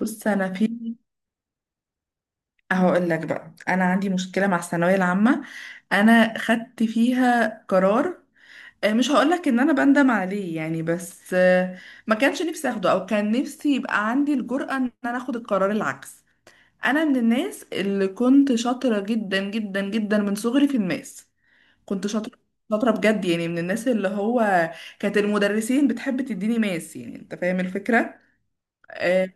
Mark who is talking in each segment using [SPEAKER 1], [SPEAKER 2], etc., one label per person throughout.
[SPEAKER 1] بص، انا في هقول لك بقى، انا عندي مشكله مع الثانويه العامه. انا خدت فيها قرار. مش هقول لك ان انا بندم عليه يعني، بس ما كانش نفسي اخده، او كان نفسي يبقى عندي الجرأة ان انا اخد القرار العكس. انا من الناس اللي كنت شاطره جدا جدا جدا من صغري في الماس. كنت شاطره، شاطره بجد يعني، من الناس اللي هو كانت المدرسين بتحب تديني ماس، يعني انت فاهم الفكره. آه،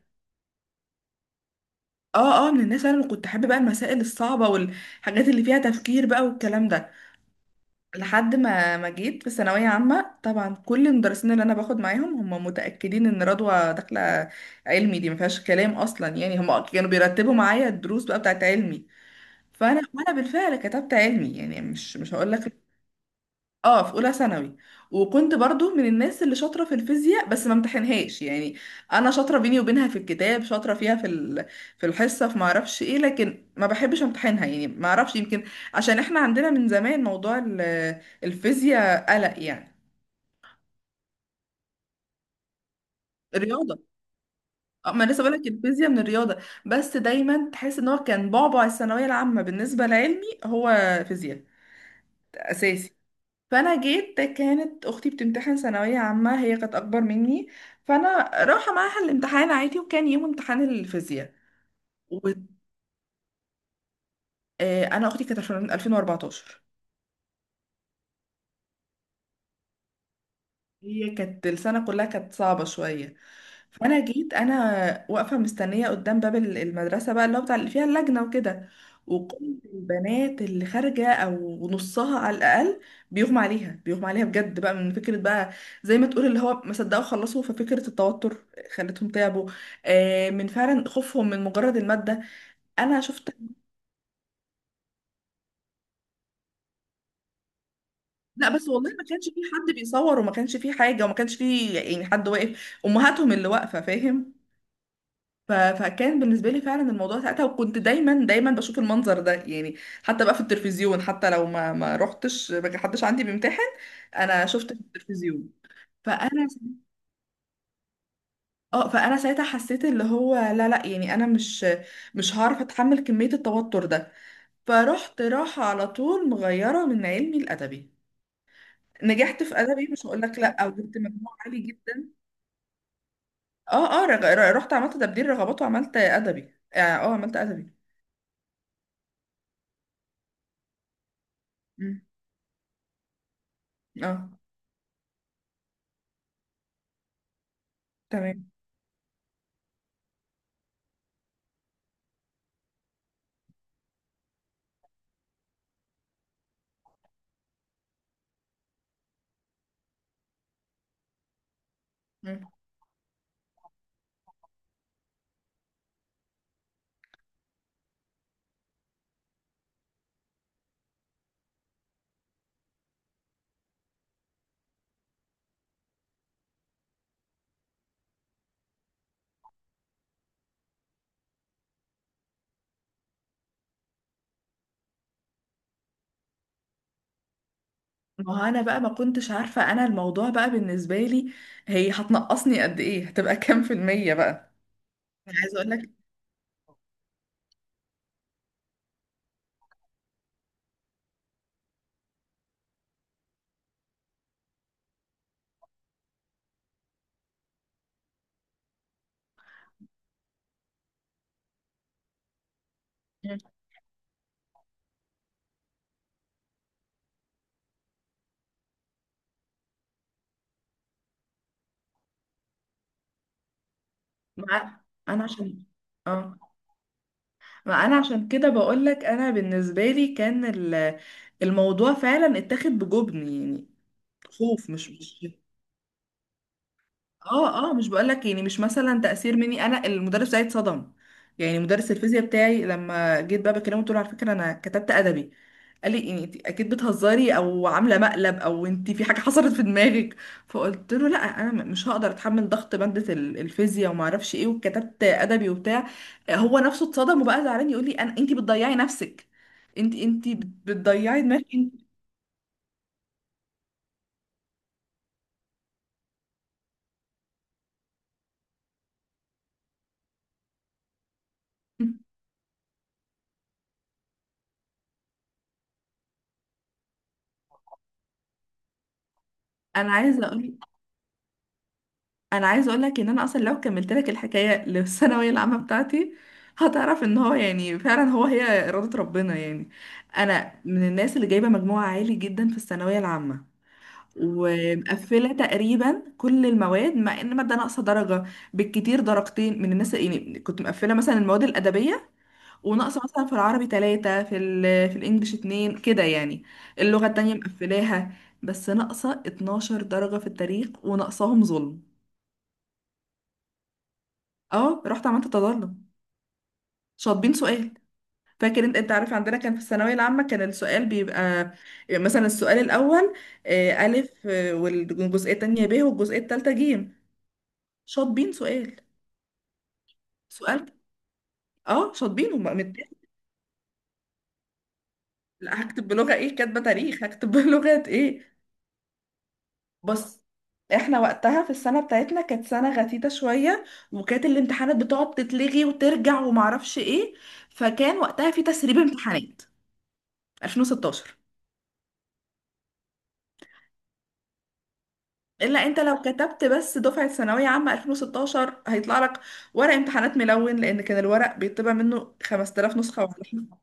[SPEAKER 1] اه من الناس انا اللي كنت حابه بقى المسائل الصعبه والحاجات اللي فيها تفكير بقى والكلام ده. لحد ما جيت في ثانويه عامه، طبعا كل المدرسين اللي انا باخد معاهم هم متاكدين ان رضوى داخله علمي، دي ما فيهاش كلام اصلا يعني. هم كانوا بيرتبوا معايا الدروس بقى بتاعت علمي. فانا وانا بالفعل كتبت علمي يعني، مش هقول لك. اه، في اولى ثانوي. وكنت برضو من الناس اللي شاطره في الفيزياء، بس ما امتحنهاش يعني. انا شاطره بيني وبينها في الكتاب، شاطره فيها في الحصه، في ما اعرفش ايه، لكن ما بحبش امتحنها يعني، ما اعرفش يمكن عشان احنا عندنا من زمان موضوع الفيزياء قلق يعني. الرياضه. ما لسه بقولك الفيزياء من الرياضه، بس دايما تحس ان هو كان بعبع الثانويه العامه بالنسبه لعلمي، هو فيزياء اساسي. فانا جيت كانت اختي بتمتحن ثانويه عامه، هي كانت اكبر مني. فانا رايحه معاها الامتحان عادي، وكان يوم امتحان الفيزياء. وانا اختي كانت 2014. هي كانت السنة كلها كانت صعبة شوية. فأنا جيت أنا واقفة مستنية قدام باب المدرسة بقى، اللي هو بتاع اللي فيها اللجنة وكده. وكل البنات اللي خارجة، أو نصها على الأقل، بيغمى عليها بيغمى عليها بجد بقى من فكرة بقى، زي ما تقول اللي هو ما صدقوا خلصوا. ففكرة التوتر خلتهم تعبوا، من فعلا خوفهم من مجرد المادة. أنا شفت. لا بس، والله ما كانش في حد بيصور، وما كانش في حاجة، وما كانش في يعني حد واقف، أمهاتهم اللي واقفة، فاهم. فكان بالنسبه لي فعلا الموضوع ساعتها. وكنت دايما دايما بشوف المنظر ده يعني، حتى بقى في التلفزيون. حتى لو ما رحتش، ما حدش عندي بيمتحن، انا شفت في التلفزيون. فانا اه فانا ساعتها حسيت اللي هو لا لا، يعني انا مش هعرف اتحمل كميه التوتر ده. فرحت راحه على طول، مغيره من علمي الادبي. نجحت في ادبي، مش هقول لك لا، او جبت مجموع عالي جدا. اه رحت عملت تبديل رغبات وعملت ادبي. عملت ادبي. مم. اه، تمام. مم. ما هو انا بقى ما كنتش عارفة انا، الموضوع بقى بالنسبة لي، هي هتنقصني قد ايه، هتبقى كام في المية بقى؟ أنا عايزة اقول لك. مع. انا عشان. اه. ما انا عشان كده بقول لك، انا بالنسبة لي كان الموضوع فعلا اتاخد بجبن يعني، خوف، مش. اه اه، مش بقولك يعني، مش مثلا تأثير مني، انا المدرس بتاعي اتصدم، يعني مدرس الفيزياء بتاعي. لما جيت بقى بكلمه، قلت له: على فكرة انا كتبت ادبي. قال لي: يعني انت اكيد بتهزري، او عامله مقلب، او انت في حاجه حصلت في دماغك. فقلت له: لا انا مش هقدر اتحمل ضغط ماده الفيزياء وما اعرفش ايه، وكتبت ادبي وبتاع. هو نفسه اتصدم وبقى زعلان، يقول لي: انا، انت بتضيعي نفسك، انت بتضيعي دماغك انت. انا عايزه اقول. انا عايزه اقول لك ان انا اصلا لو كملت لك الحكايه للثانويه العامه بتاعتي، هتعرف ان هو يعني فعلا، هو هي اراده ربنا يعني. انا من الناس اللي جايبه مجموع عالي جدا في الثانويه العامه، ومقفله تقريبا كل المواد، مع ان ماده ناقصه درجه، بالكتير درجتين، من الناس يعني. كنت مقفله مثلا المواد الادبيه، وناقصه مثلا في العربي ثلاثه، في الانجليش اتنين، كده يعني، اللغه التانيه مقفلاها. بس ناقصه 12 درجه في التاريخ، وناقصاهم ظلم. اه، رحت عملت تظلم. شاطبين سؤال. فاكر، انت عارف، عندنا كان في الثانويه العامه كان السؤال بيبقى، يعني مثلا السؤال الاول الف، والجزئيه التانية ب، والجزئيه التالتة ج. شاطبين سؤال. سؤال اه، شاطبين متاخد. لا، هكتب بلغه ايه؟ كاتبه تاريخ هكتب بلغه ايه؟ بص، احنا وقتها في السنه بتاعتنا كانت سنه غثيثه شويه، وكانت الامتحانات بتقعد تتلغي وترجع ومعرفش ايه. فكان وقتها في تسريب امتحانات. 2016. الا انت لو كتبت بس دفعه ثانويه عامه 2016، هيطلع لك ورق امتحانات ملون، لان كان الورق بيطبع منه 5000 نسخه وعلى حسب.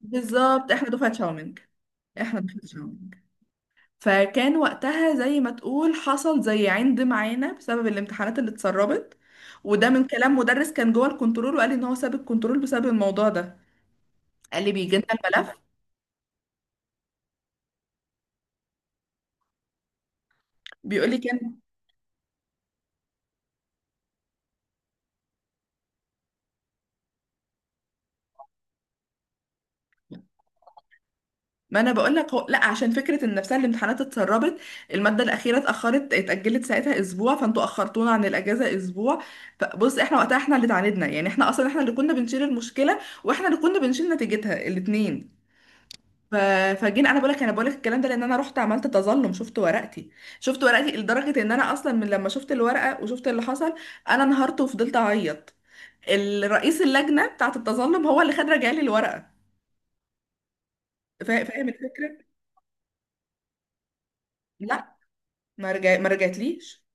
[SPEAKER 1] بالظبط، احنا دفعه شاومينج. احنا دفعه شاومينج. فكان وقتها، زي ما تقول، حصل زي عند معانا بسبب الامتحانات اللي اتسربت. وده من كلام مدرس كان جوه الكنترول، وقال لي ان هو ساب الكنترول بسبب الموضوع ده. قال لي: بيجي لنا الملف. بيقول لي كان. ما انا بقول لك، هو، لا، عشان فكره ان نفسها الامتحانات اتسربت. الماده الاخيره اتاجلت ساعتها اسبوع، فانتوا اخرتونا عن الاجازه اسبوع. فبص، احنا وقتها احنا اللي اتعاندنا يعني، احنا اصلا احنا اللي كنا بنشيل المشكله، واحنا اللي كنا بنشيل نتيجتها الاثنين. ف... فجينا. انا بقول لك الكلام ده، لان انا رحت عملت تظلم، شفت ورقتي. شفت ورقتي لدرجه ان انا اصلا، من لما شفت الورقه وشفت اللي حصل، انا انهارت وفضلت اعيط. الرئيس اللجنه بتاعه التظلم هو اللي رجع لي الورقه. فاهم الفكره؟ لا، ما رجعتليش.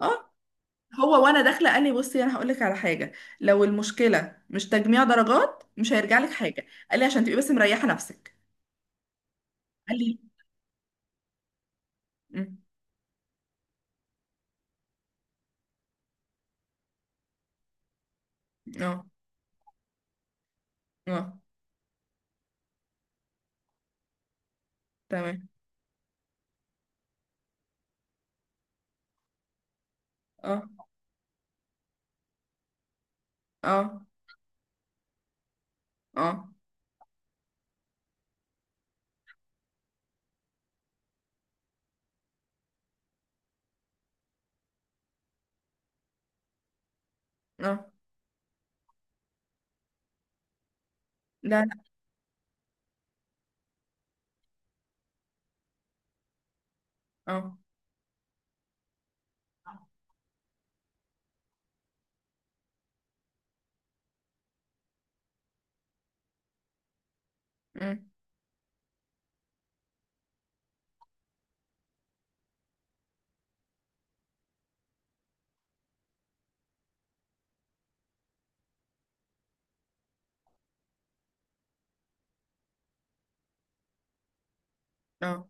[SPEAKER 1] اه، هو وانا داخله قال لي: بصي، انا هقول لك على حاجه، لو المشكله مش تجميع درجات مش هيرجع لك حاجه، قال لي، عشان تبقي بس مريحه نفسك. قال لي أمم. اه اه، تمام. اه اه. اه اه. لا لا. اه. أمم. اه.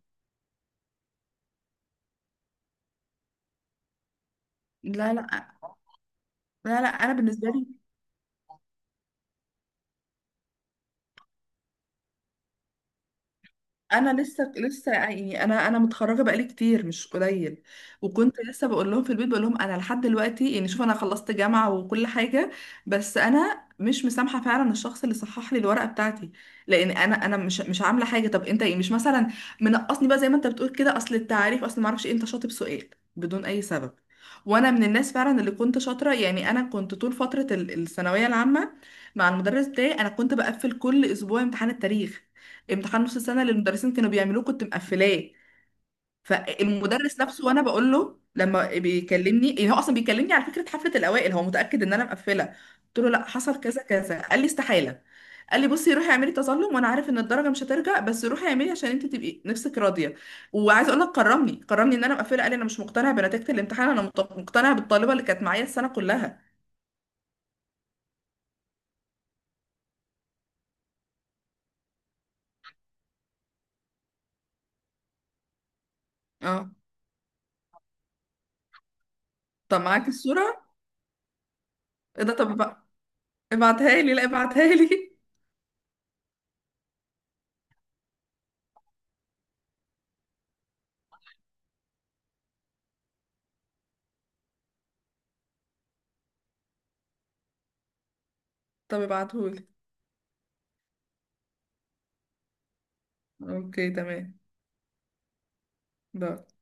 [SPEAKER 1] لا لا لا لا. انا بالنسبه لي، انا لسه لسه يعني، انا متخرجه بقالي كتير مش قليل. وكنت لسه بقول لهم في البيت، بقول لهم انا لحد دلوقتي يعني، شوف، انا خلصت جامعه وكل حاجه، بس انا مش مسامحه فعلا الشخص اللي صحح لي الورقه بتاعتي، لان انا مش عامله حاجه. طب انت ايه، مش مثلا منقصني بقى زي ما انت بتقول كده، اصل التعريف، اصل ما اعرفش ايه. انت شاطب سؤال بدون اي سبب. وانا من الناس فعلا اللي كنت شاطره يعني. انا كنت طول فتره الثانويه العامه مع المدرس بتاعي، انا كنت بقفل كل اسبوع امتحان التاريخ. امتحان نص السنه اللي المدرسين كانوا بيعملوه كنت مقفلاه. فالمدرس نفسه، وانا بقول له لما بيكلمني إيه، هو اصلا بيكلمني على فكره حفله الاوائل، هو متاكد ان انا مقفله. قلت له: لا، حصل كذا كذا. قال لي: استحاله. قال لي: بصي روحي اعملي تظلم، وانا عارف ان الدرجه مش هترجع، بس روحي اعملي عشان انت تبقي نفسك راضيه. وعايزه اقول لك، كرمني كرمني ان انا مقفله. قال لي: انا مش مقتنع بنتيجه الامتحان، انا مقتنع بالطالبه اللي كانت معايا السنه كلها. اه. طب معاك الصوره؟ ايه ده؟ طب ابعتها لي، لا، ابعتها لي. طب ابعتهولي. اوكي، تمام. لا.